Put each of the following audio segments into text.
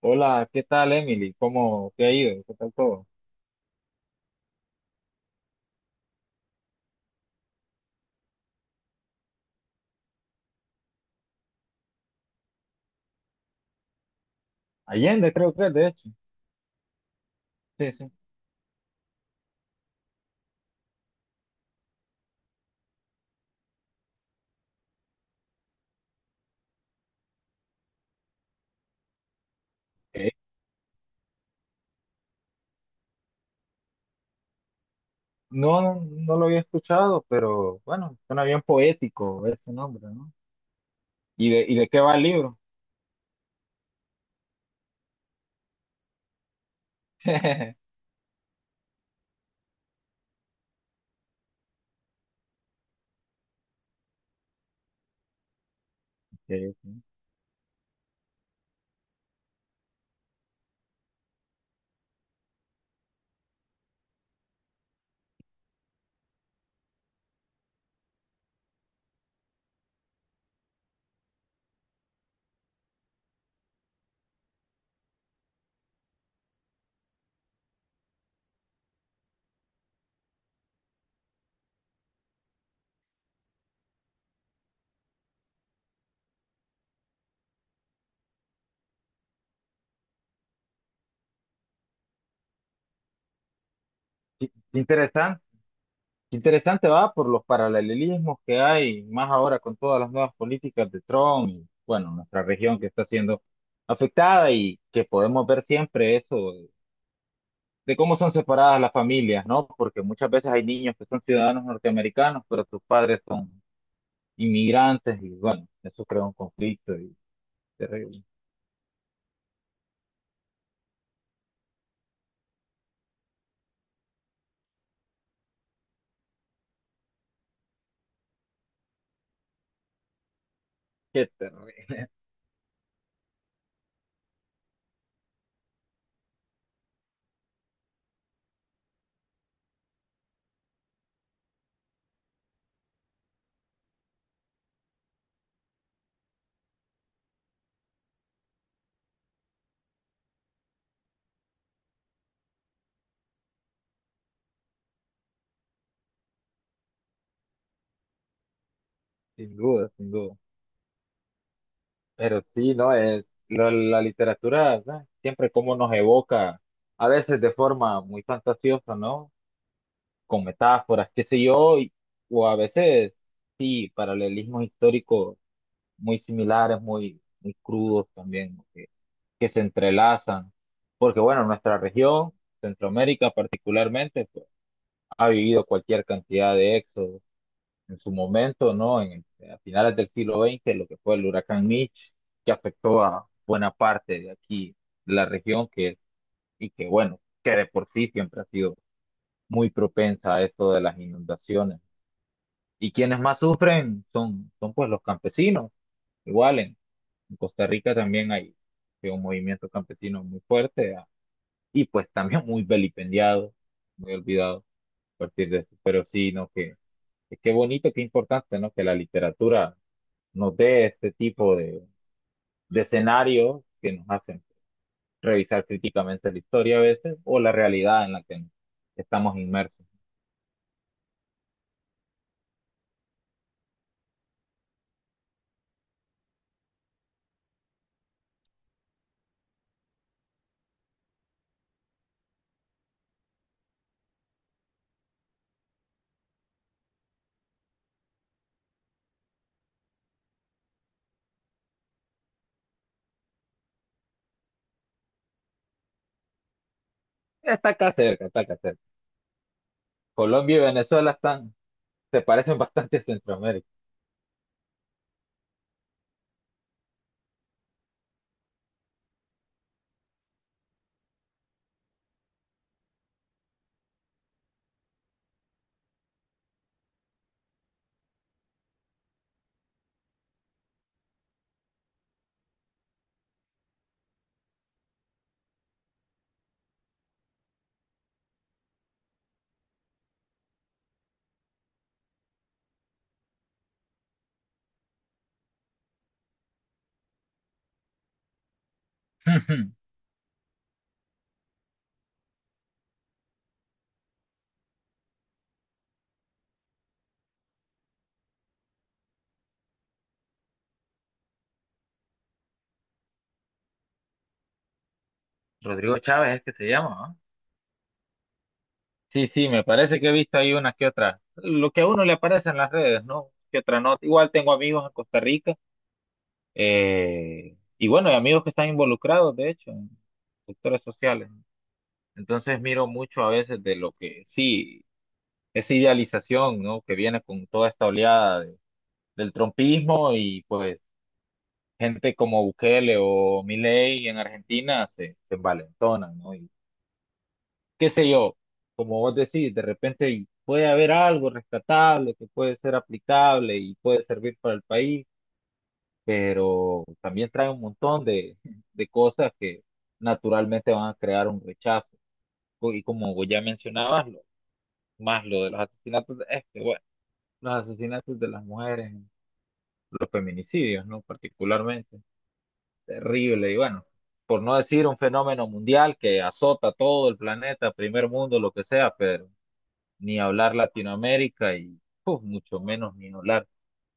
Hola, ¿qué tal, Emily? ¿Cómo te ha ido? ¿Qué tal todo? Allende, creo que es, de hecho. Sí, sí. Eh, No, no, no lo había escuchado, pero bueno, suena bien poético ese nombre, ¿no? ¿Y de qué va el libro? Sí, sí. Qué interesante, qué interesante va por los paralelismos que hay, más ahora con todas las nuevas políticas de Trump y, bueno, nuestra región que está siendo afectada y que podemos ver siempre eso de cómo son separadas las familias, ¿no? Porque muchas veces hay niños que son ciudadanos norteamericanos, pero sus padres son inmigrantes y bueno, eso crea un conflicto y terrible. Qué terrible, sin duda, sin duda. Pero sí, ¿no? Es, la literatura, ¿no? Siempre como nos evoca, a veces de forma muy fantasiosa, ¿no? Con metáforas, qué sé yo, y- o a veces sí, paralelismos históricos muy similares, muy, muy crudos también. ¿No? Que se entrelazan, porque bueno, nuestra región, Centroamérica particularmente, pues, ha vivido cualquier cantidad de éxodos en su momento, ¿no? En, el- a finales del siglo XX, lo que fue el huracán Mitch, que afectó a buena parte de aquí, de la región, que, y que bueno, que de por sí siempre ha sido muy propensa a esto de las inundaciones. Y quienes más sufren son, son pues los campesinos, igual en Costa Rica también hay sí, un movimiento campesino muy fuerte, y pues también muy vilipendiado, muy olvidado a partir de eso. Pero sí, ¿no? Que qué bonito, qué importante, ¿no? Que la literatura nos dé este tipo de escenarios que nos hacen revisar críticamente la historia a veces o la realidad en la que estamos inmersos. Está acá cerca, está acá cerca. Colombia y Venezuela están, se parecen bastante a Centroamérica. Rodrigo Chávez es que se llama, ¿no? Sí, sí, me parece que he visto ahí unas que otras. Lo que a uno le aparece en las redes, ¿no? Que otra no. Igual tengo amigos en Costa Rica, y bueno, hay amigos que están involucrados, de hecho, en sectores sociales. ¿No? Entonces miro mucho a veces de lo que, sí, esa idealización, ¿no? Que viene con toda esta oleada de- del trompismo y pues gente como Bukele o Milei en Argentina se, se envalentonan, ¿no? Qué sé yo, como vos decís, de repente puede haber algo rescatable que puede ser aplicable y puede servir para el país, pero también trae un montón de, de cosas que naturalmente van a crear un rechazo. Co- Y como vos ya mencionabas, lo- más lo de los asesinatos, de- es que, bueno, los asesinatos de las mujeres, los feminicidios, ¿no? Particularmente, terrible y bueno. Por no decir un fenómeno mundial que azota todo el planeta, primer mundo, lo que sea, pero ni hablar Latinoamérica y puf, mucho menos ni hablar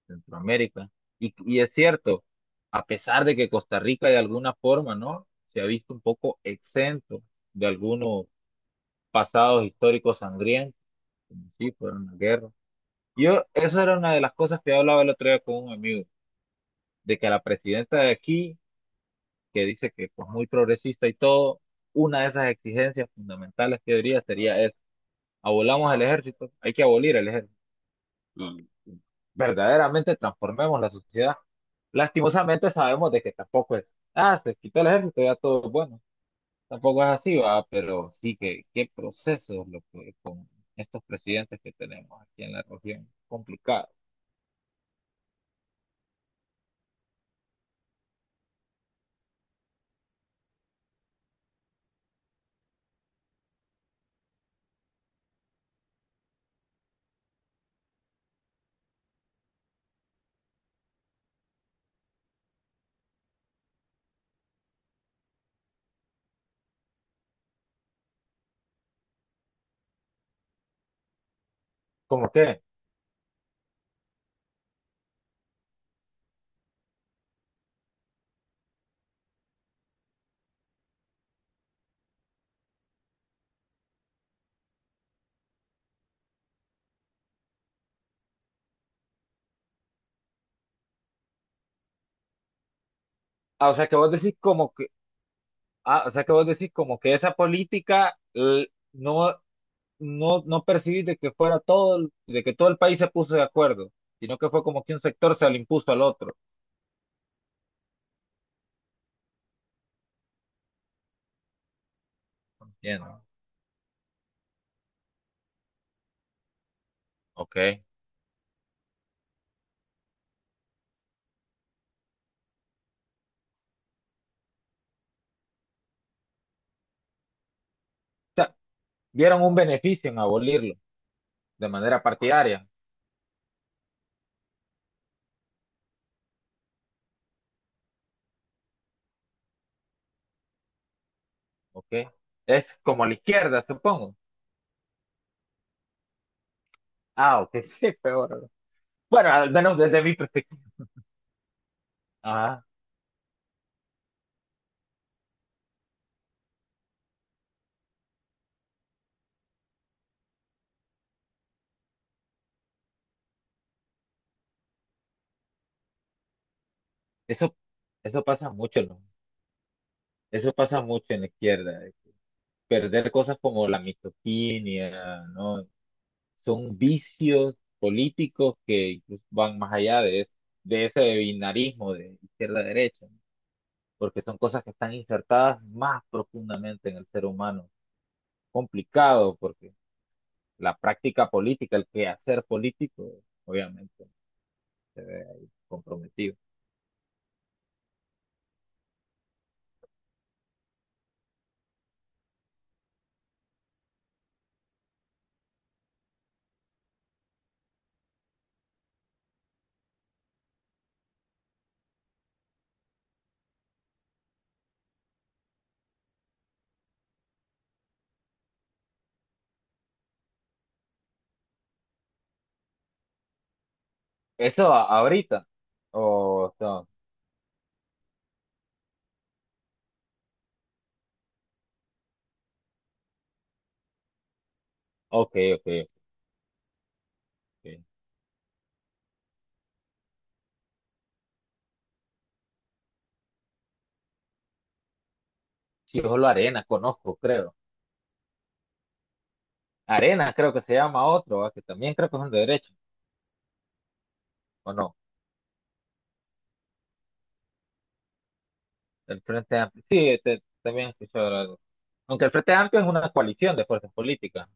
Centroamérica. Y es cierto, a pesar de que Costa Rica de alguna forma, ¿no? Se ha visto un poco exento de algunos pasados históricos sangrientos, como si fuera una guerra. Yo, eso era una de las cosas que yo hablaba el otro día con un amigo, de que la presidenta de aquí, que dice que pues muy progresista y todo, una de esas exigencias fundamentales que diría sería es, abolamos el ejército, hay que abolir el ejército. Mm, verdaderamente transformemos la sociedad. Lastimosamente sabemos de que tampoco es, ah, se quitó el ejército, ya todo es bueno. Tampoco es así, va, pero sí que qué proceso lo que- con estos presidentes que tenemos aquí en la región. Complicado. ¿Cómo qué? Ah, o sea que vos decís como que, ah, o sea que vos decís como que esa política l- no, no, no percibís de que fuera todo, el- de que todo el país se puso de acuerdo, sino que fue como que un sector se le impuso al otro. Entiendo. Ok. Vieron un beneficio en abolirlo de manera partidaria, ¿ok? Es como la izquierda, supongo. Ah, ok, sí, peor. Bueno, al menos desde mi perspectiva. Ajá. Eso, eso pasa mucho, ¿no? Eso pasa mucho en la izquierda. Eh. Perder cosas como la misoginia, ¿no? Son vicios políticos que incluso van más allá de, es- de ese binarismo de izquierda-derecha, ¿no? Porque son cosas que están insertadas más profundamente en el ser humano. Complicado, porque la práctica política, el quehacer político, obviamente, se ve ahí comprometido. Eso a- ahorita. O no. Ok, ok, ok. Sí, solo Arena, conozco, creo. Arena creo que se llama otro, ¿va? Que también creo que es un de derecho, ¿o no? El Frente Amplio. Sí, te- también he escuchado hablar de- Aunque el Frente Amplio es una coalición de fuerzas políticas.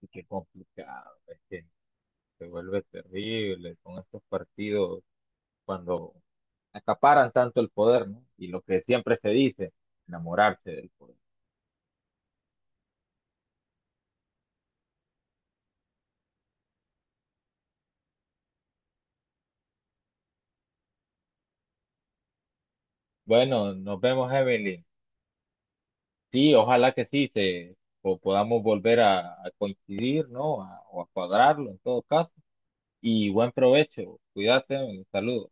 Y qué complicado, es que se vuelve terrible con estos partidos cuando acaparan tanto el poder, ¿no? Y lo que siempre se dice, enamorarse del poder. Bueno, nos vemos, Evelyn. Sí, ojalá que sí, se, o podamos volver a coincidir, ¿no? A- o a cuadrarlo en todo caso. Y buen provecho, cuídate, saludos.